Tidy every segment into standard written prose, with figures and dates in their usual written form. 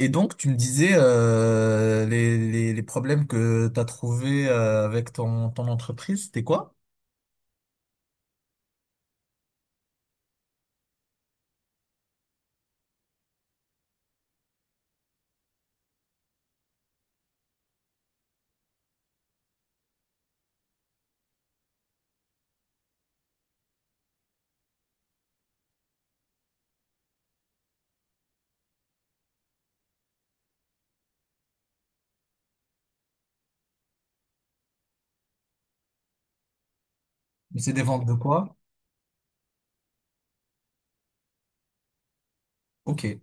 Et donc, tu me disais les problèmes que tu as trouvés avec ton entreprise, c'était quoi? C'est des ventes de quoi? Ok.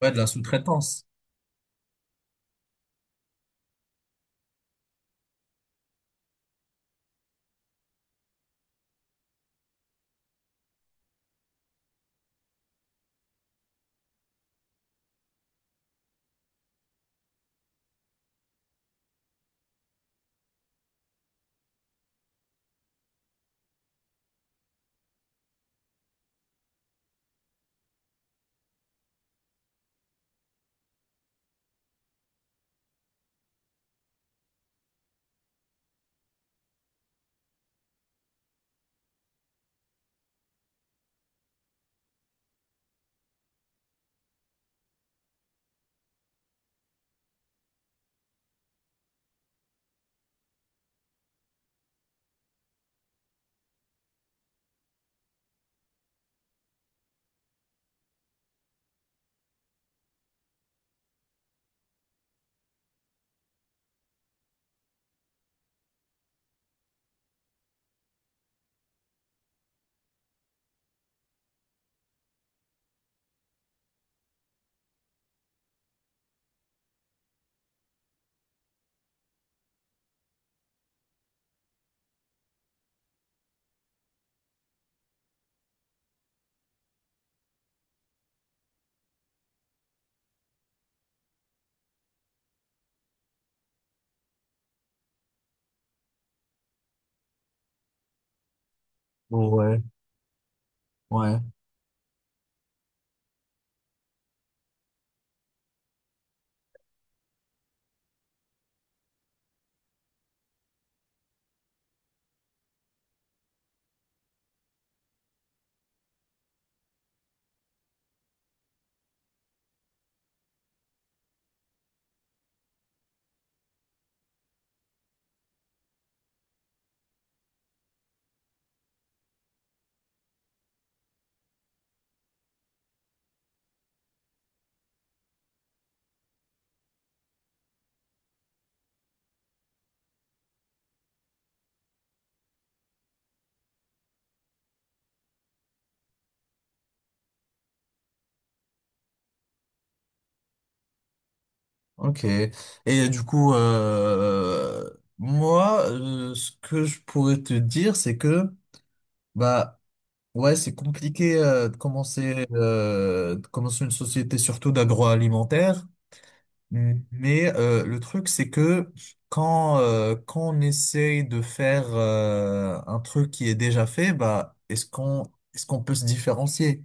Ouais, de la sous-traitance. Ouais, ouais. Ok. Et du coup, moi, ce que je pourrais te dire, c'est que, bah, ouais, c'est compliqué de commencer, de commencer une société, surtout d'agroalimentaire. Mm. Mais le truc, c'est que quand, quand on essaye de faire un truc qui est déjà fait, bah, est-ce qu'on peut se différencier?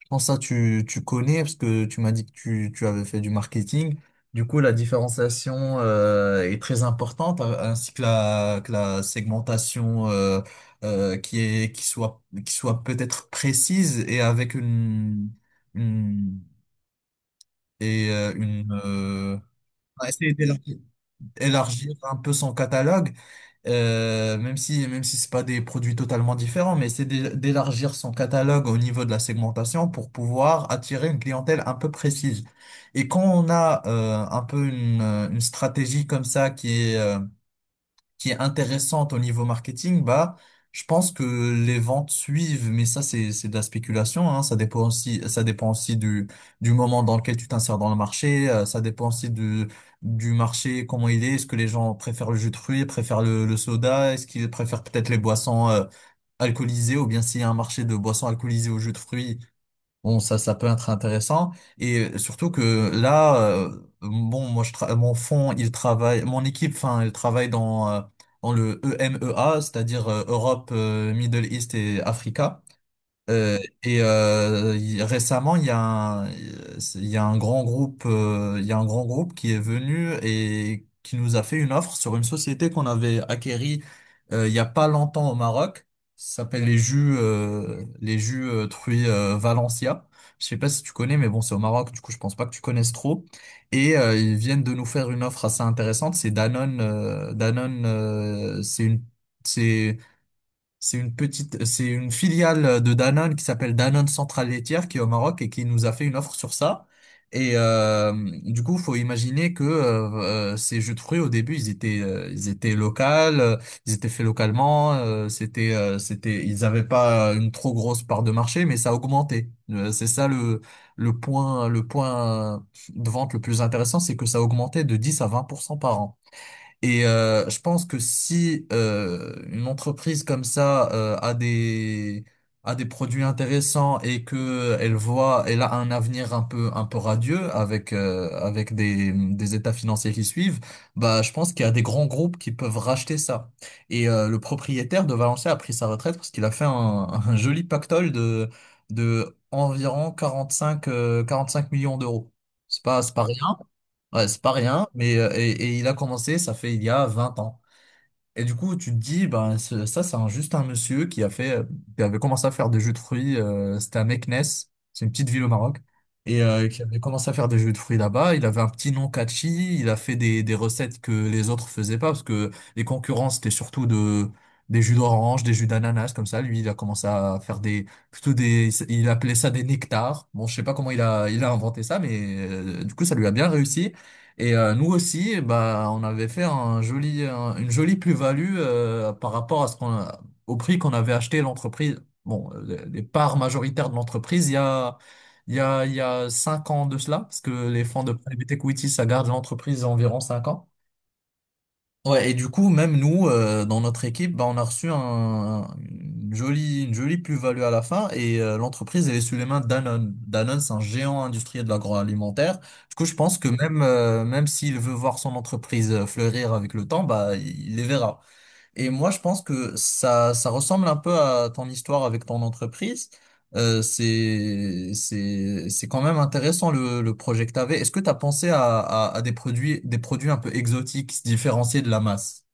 Je pense que ça, tu connais, parce que tu m'as dit que tu avais fait du marketing. Du coup, la différenciation est très importante, ainsi que que la segmentation qui qui soit peut-être précise et avec une, et, une on va essayer d'élargir élargir un peu son catalogue, même si c'est pas des produits totalement différents, mais c'est d'élargir son catalogue au niveau de la segmentation pour pouvoir attirer une clientèle un peu précise. Et quand on a une stratégie comme ça qui est intéressante au niveau marketing, bah, je pense que les ventes suivent, mais ça, c'est de la spéculation, hein. Ça dépend aussi du moment dans lequel tu t'insères dans le marché, ça dépend aussi du marché, comment il est, est-ce que les gens préfèrent le jus de fruits, préfèrent le soda, est-ce qu'ils préfèrent peut-être les boissons, alcoolisées, ou bien s'il y a un marché de boissons alcoolisées au jus de fruits. Bon, ça peut être intéressant. Et surtout que là, bon, moi, mon fond il travaille, mon équipe, enfin, elle travaille dans, dans le EMEA, c'est-à-dire Europe, Middle East et Afrique. Euh, Récemment, il y a un, il y a un grand groupe, qui est venu et qui nous a fait une offre sur une société qu'on avait acquérie il y a pas longtemps au Maroc. Ça s'appelle les jus, Truy Valencia. Je sais pas si tu connais, mais bon, c'est au Maroc, du coup, je pense pas que tu connaisses trop. Et ils viennent de nous faire une offre assez intéressante. C'est Danone, c'est c'est une petite, c'est une filiale de Danone qui s'appelle Danone Centrale Laitière qui est au Maroc et qui nous a fait une offre sur ça. Et du coup, faut imaginer que ces jus de fruits au début, ils étaient locaux, ils étaient faits localement. C'était, ils n'avaient pas une trop grosse part de marché, mais ça a augmenté. C'est ça le point de vente le plus intéressant, c'est que ça a augmenté de 10 à 20% par an. Et je pense que si une entreprise comme ça a des produits intéressants et que elle a un avenir un peu radieux avec des états financiers qui suivent, bah je pense qu'il y a des grands groupes qui peuvent racheter ça. Et le propriétaire de Valenciennes a pris sa retraite parce qu'il a fait un joli pactole de environ 45 45 millions d'euros. C'est pas rien. Ouais, c'est pas rien, mais et il a commencé, ça fait il y a 20 ans. Et du coup, tu te dis, ben, juste un monsieur qui a fait, qui avait commencé à faire des jus de fruits. C'était à Meknès, c'est une petite ville au Maroc, et qui avait commencé à faire des jus de fruits là-bas. Il avait un petit nom catchy, il a fait des recettes que les autres faisaient pas, parce que les concurrents, c'était surtout des jus d'orange, des jus d'ananas, comme ça. Lui, il a commencé à faire des, plutôt des, il appelait ça des nectars. Bon, je sais pas comment il a inventé ça, mais du coup, ça lui a bien réussi. Et nous aussi, bah, on avait fait une jolie plus-value par rapport à au prix qu'on avait acheté l'entreprise. Bon, les parts majoritaires de l'entreprise, il y a 5 ans de cela, parce que les fonds de private equity, ça garde l'entreprise environ 5 ans. Ouais, et du coup, même nous, dans notre équipe, bah, on a reçu une jolie plus-value à la fin et l'entreprise, elle est sous les mains de Danone. Danone, c'est un géant industriel de l'agroalimentaire. Du coup, je pense que même s'il veut voir son entreprise fleurir avec le temps, bah, il les verra. Et moi, je pense que ça ressemble un peu à ton histoire avec ton entreprise. C'est quand même intéressant le projet que tu avais. Est-ce que tu as pensé à des produits un peu exotiques, qui se différencier de la masse?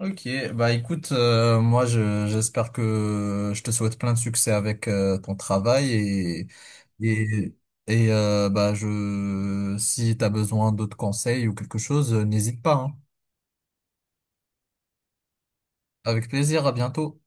Ok, bah écoute, j'espère que je te souhaite plein de succès avec ton travail et et bah je si t'as besoin d'autres conseils ou quelque chose, n'hésite pas, hein. Avec plaisir, à bientôt.